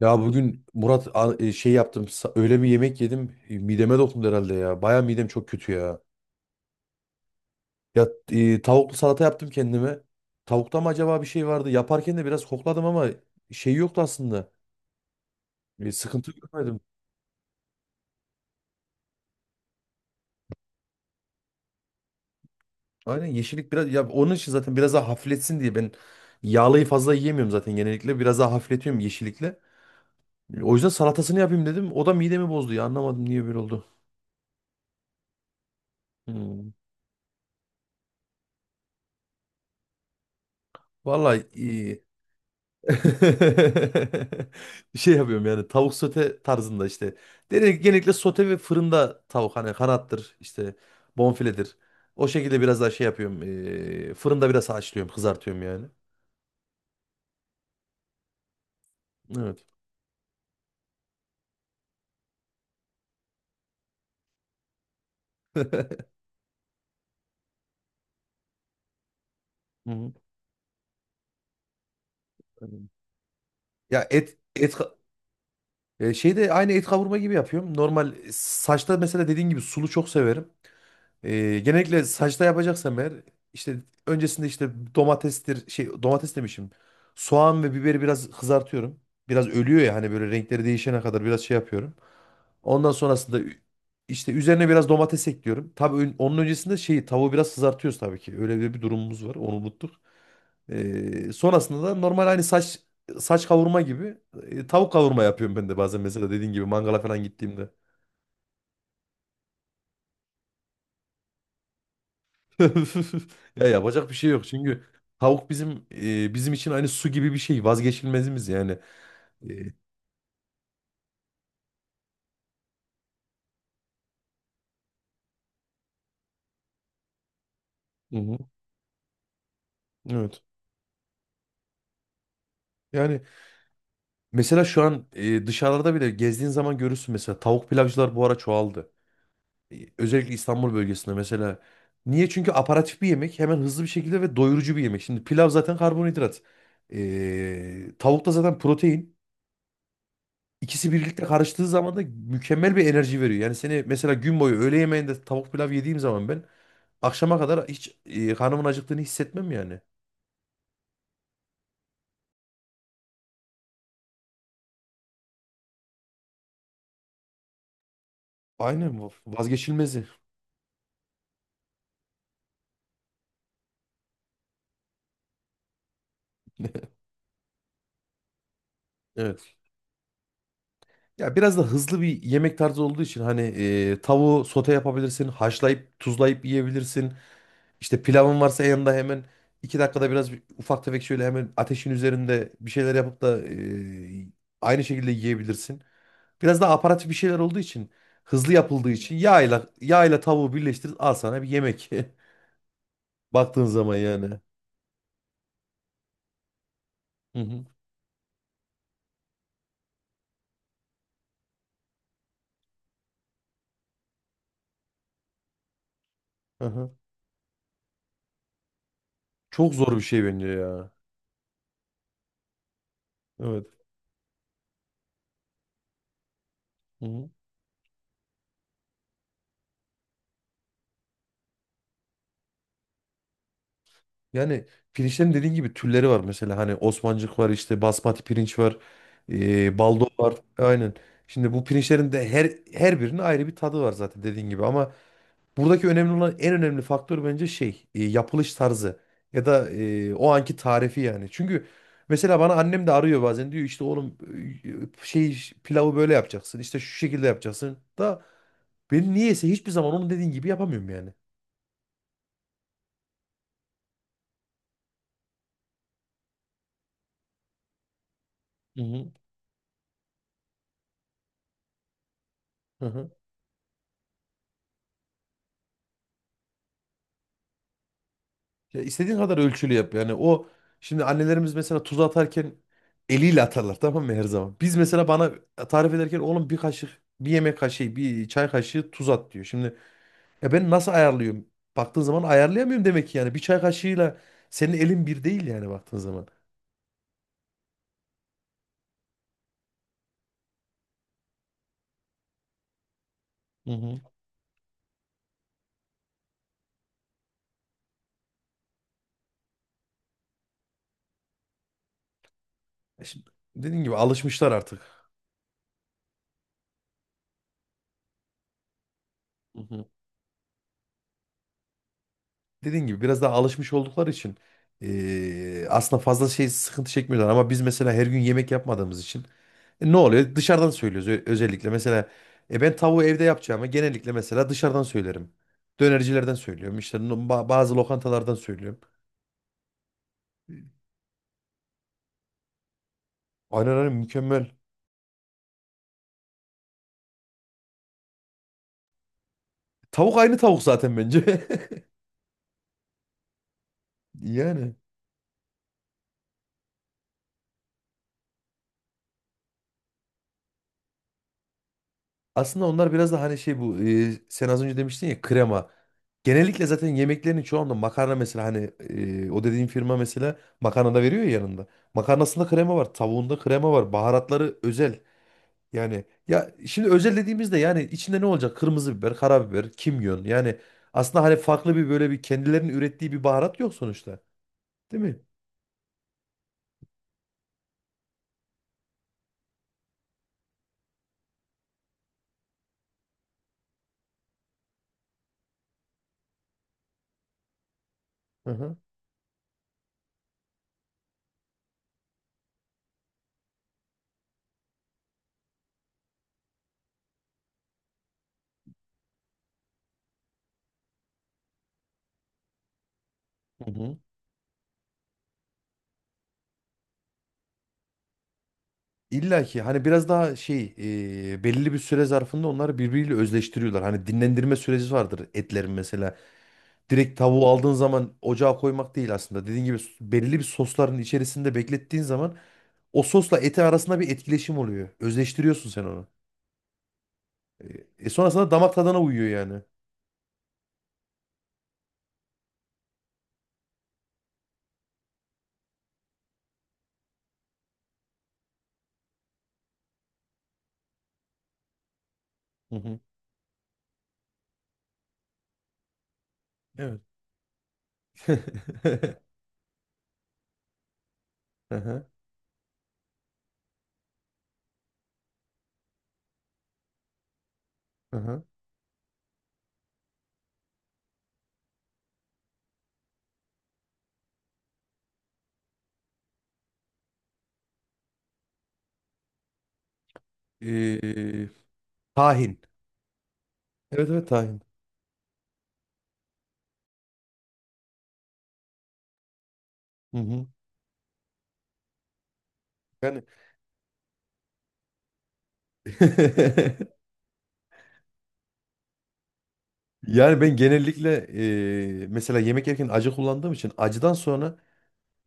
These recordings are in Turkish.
Ya bugün Murat a- e, şey yaptım. Öyle bir yemek yedim. Mideme dokundu herhalde ya. Baya midem çok kötü ya. Ya tavuklu salata yaptım kendime. Tavukta mı acaba bir şey vardı? Yaparken de biraz kokladım ama şey yoktu aslında. Sıkıntı görmedim. Aynen, yeşillik biraz ya onun için zaten biraz daha hafifletsin diye ben yağlıyı fazla yiyemiyorum zaten genellikle. Biraz daha hafifletiyorum yeşillikle. O yüzden salatasını yapayım dedim. O da midemi bozdu ya. Anlamadım niye böyle oldu. Hmm. Vallahi e, bir şey yapıyorum yani, tavuk sote tarzında işte. Dedi genellikle sote ve fırında tavuk, hani kanattır işte, bonfiledir. O şekilde biraz daha şey yapıyorum. Fırında biraz haşlıyorum, kızartıyorum yani. Evet. Hı hı. Anladım. Ya et et ka- şeyde aynı et kavurma gibi yapıyorum. Normal, saçta mesela dediğin gibi sulu çok severim. Genellikle saçta yapacaksam eğer, işte öncesinde işte domates demişim. Soğan ve biberi biraz kızartıyorum. Biraz ölüyor ya, hani böyle renkleri değişene kadar biraz şey yapıyorum. Ondan sonrasında ü- işte üzerine biraz domates ekliyorum. Tabii onun öncesinde şeyi, tavuğu biraz kızartıyoruz tabii ki. Öyle bir durumumuz var. Onu unuttuk. Sonrasında da normal hani saç kavurma gibi, tavuk kavurma yapıyorum ben de bazen mesela, dediğin gibi mangala falan gittiğimde. Ya yapacak bir şey yok çünkü tavuk bizim, bizim için aynı su gibi bir şey, vazgeçilmezimiz yani. E, hı hı, evet. Yani mesela şu an dışarılarda bile gezdiğin zaman görürsün, mesela tavuk pilavcılar bu ara çoğaldı. Özellikle İstanbul bölgesinde mesela. Niye? Çünkü aparatif bir yemek, hemen hızlı bir şekilde ve doyurucu bir yemek. Şimdi pilav zaten karbonhidrat. Tavuk da zaten protein. İkisi birlikte karıştığı zaman da mükemmel bir enerji veriyor. Yani seni mesela gün boyu, öğle yemeğinde tavuk pilav yediğim zaman ben akşama kadar hiç karnımın acıktığını hissetmem yani. Aynen bu vazgeçilmezi. Evet. Ya biraz da hızlı bir yemek tarzı olduğu için hani, tavuğu sote yapabilirsin, haşlayıp tuzlayıp yiyebilirsin. İşte pilavın varsa yanında hemen iki dakikada biraz ufak tefek şöyle hemen ateşin üzerinde bir şeyler yapıp da aynı şekilde yiyebilirsin. Biraz daha aparatif bir şeyler olduğu için, hızlı yapıldığı için, yağla yağla tavuğu birleştir, al sana bir yemek. Baktığın zaman yani. Hı hı, hı hı. Çok zor bir şey bence ya. Evet. Hı hı. Yani pirinçlerin dediğin gibi türleri var mesela, hani Osmancık var, işte basmati pirinç var, baldo var. Aynen. Şimdi bu pirinçlerin de her birinin ayrı bir tadı var zaten dediğin gibi, ama buradaki önemli olan, en önemli faktör bence şey, yapılış tarzı ya da o anki tarifi yani. Çünkü mesela bana annem de arıyor bazen, diyor işte oğlum, pilavı böyle yapacaksın, işte şu şekilde yapacaksın da, ben niyeyse hiçbir zaman onun dediğin gibi yapamıyorum yani. Hı hı. Hı hı. Ya istediğin kadar ölçülü yap yani. O, şimdi annelerimiz mesela tuz atarken eliyle atarlar, tamam mı, her zaman. Biz mesela, bana tarif ederken oğlum bir kaşık, bir yemek kaşığı, bir çay kaşığı tuz at diyor. Şimdi ya ben nasıl ayarlıyorum? Baktığın zaman ayarlayamıyorum demek ki yani. Bir çay kaşığıyla senin elin bir değil yani, baktığın zaman. Hı hı. E şimdi, dediğin gibi alışmışlar artık. Hı hı. Dediğin gibi biraz daha alışmış oldukları için aslında fazla şey, sıkıntı çekmiyorlar. Ama biz mesela her gün yemek yapmadığımız için ne oluyor? Dışarıdan söylüyoruz, özellikle. Mesela ben tavuğu evde yapacağımı, genellikle mesela dışarıdan söylerim. Dönercilerden söylüyorum. İşte bazı lokantalardan söylüyorum. Aynen, aynen, mükemmel. Tavuk aynı tavuk zaten bence. Yani aslında onlar biraz da hani şey, bu sen az önce demiştin ya, krema. Genellikle zaten yemeklerin çoğunda makarna mesela hani, o dediğin firma mesela makarna da veriyor ya yanında. Makarnasında krema var, tavuğunda krema var, baharatları özel. Yani ya şimdi özel dediğimizde yani içinde ne olacak? Kırmızı biber, karabiber, kimyon. Yani aslında hani farklı bir böyle bir kendilerinin ürettiği bir baharat yok sonuçta. Değil mi? Hı hı. Hı hı. İlla ki hani biraz daha şey, belirli bir süre zarfında onları birbiriyle özleştiriyorlar. Hani dinlendirme süreci vardır etlerin mesela. Direkt tavuğu aldığın zaman ocağa koymak değil aslında. Dediğin gibi, belirli bir sosların içerisinde beklettiğin zaman o sosla eti arasında bir etkileşim oluyor. Özleştiriyorsun sen onu. E, sonrasında damak tadına uyuyor yani. Hı hı. Evet. Hı hı, hı hı. Ee, Tahin. Evet, evet, tahin. Hı hı. Yani yani ben genellikle, mesela yemek yerken acı kullandığım için acıdan sonra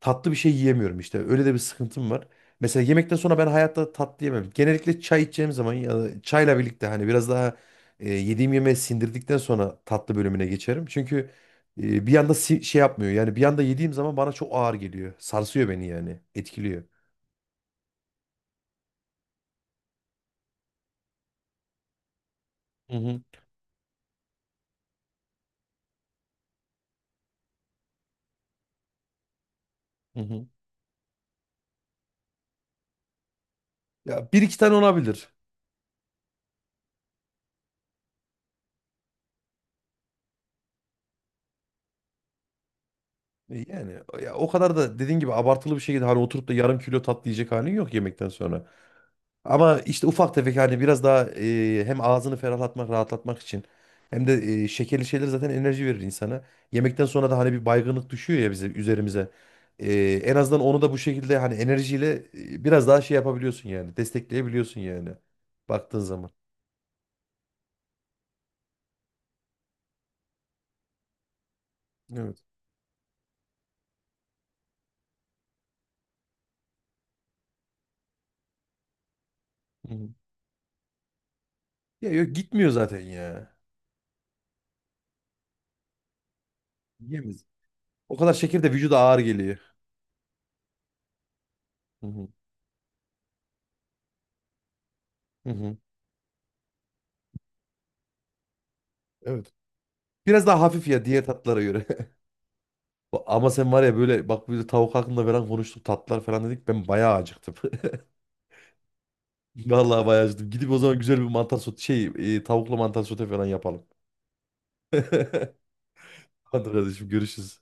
tatlı bir şey yiyemiyorum işte. Öyle de bir sıkıntım var. Mesela yemekten sonra ben hayatta tatlı yemem. Genellikle çay içeceğim zaman ya da çayla birlikte hani biraz daha yediğim yemeği sindirdikten sonra tatlı bölümüne geçerim. Çünkü bir anda yapmıyor. Yani bir anda yediğim zaman bana çok ağır geliyor. Sarsıyor beni yani. Etkiliyor. Hı hı, hı hı. Ya bir iki tane olabilir. Yani ya o kadar da dediğin gibi abartılı bir şekilde hani oturup da yarım kilo tatlı yiyecek halin yok yemekten sonra. Ama işte ufak tefek hani biraz daha, hem ağzını ferahlatmak, rahatlatmak için, hem de şekerli şeyler zaten enerji verir insana. Yemekten sonra da hani bir baygınlık düşüyor ya bize üzerimize. E, En azından onu da bu şekilde hani enerjiyle biraz daha şey yapabiliyorsun yani. Destekleyebiliyorsun yani. Baktığın zaman. Evet. Hı hı. Ya yok, gitmiyor zaten ya. Yiyemez. O kadar şeker de vücuda ağır geliyor. Hı hı. Hı hı. Evet. Biraz daha hafif ya diğer tatlara göre. Ama sen var ya, böyle bak, biz de tavuk hakkında falan konuştuk, tatlılar falan dedik. Ben bayağı acıktım. Vallahi bayağı acıktım. Gidip o zaman güzel bir mantar sote şey e, tavuklu mantar sote falan yapalım. Hadi kardeşim, görüşürüz.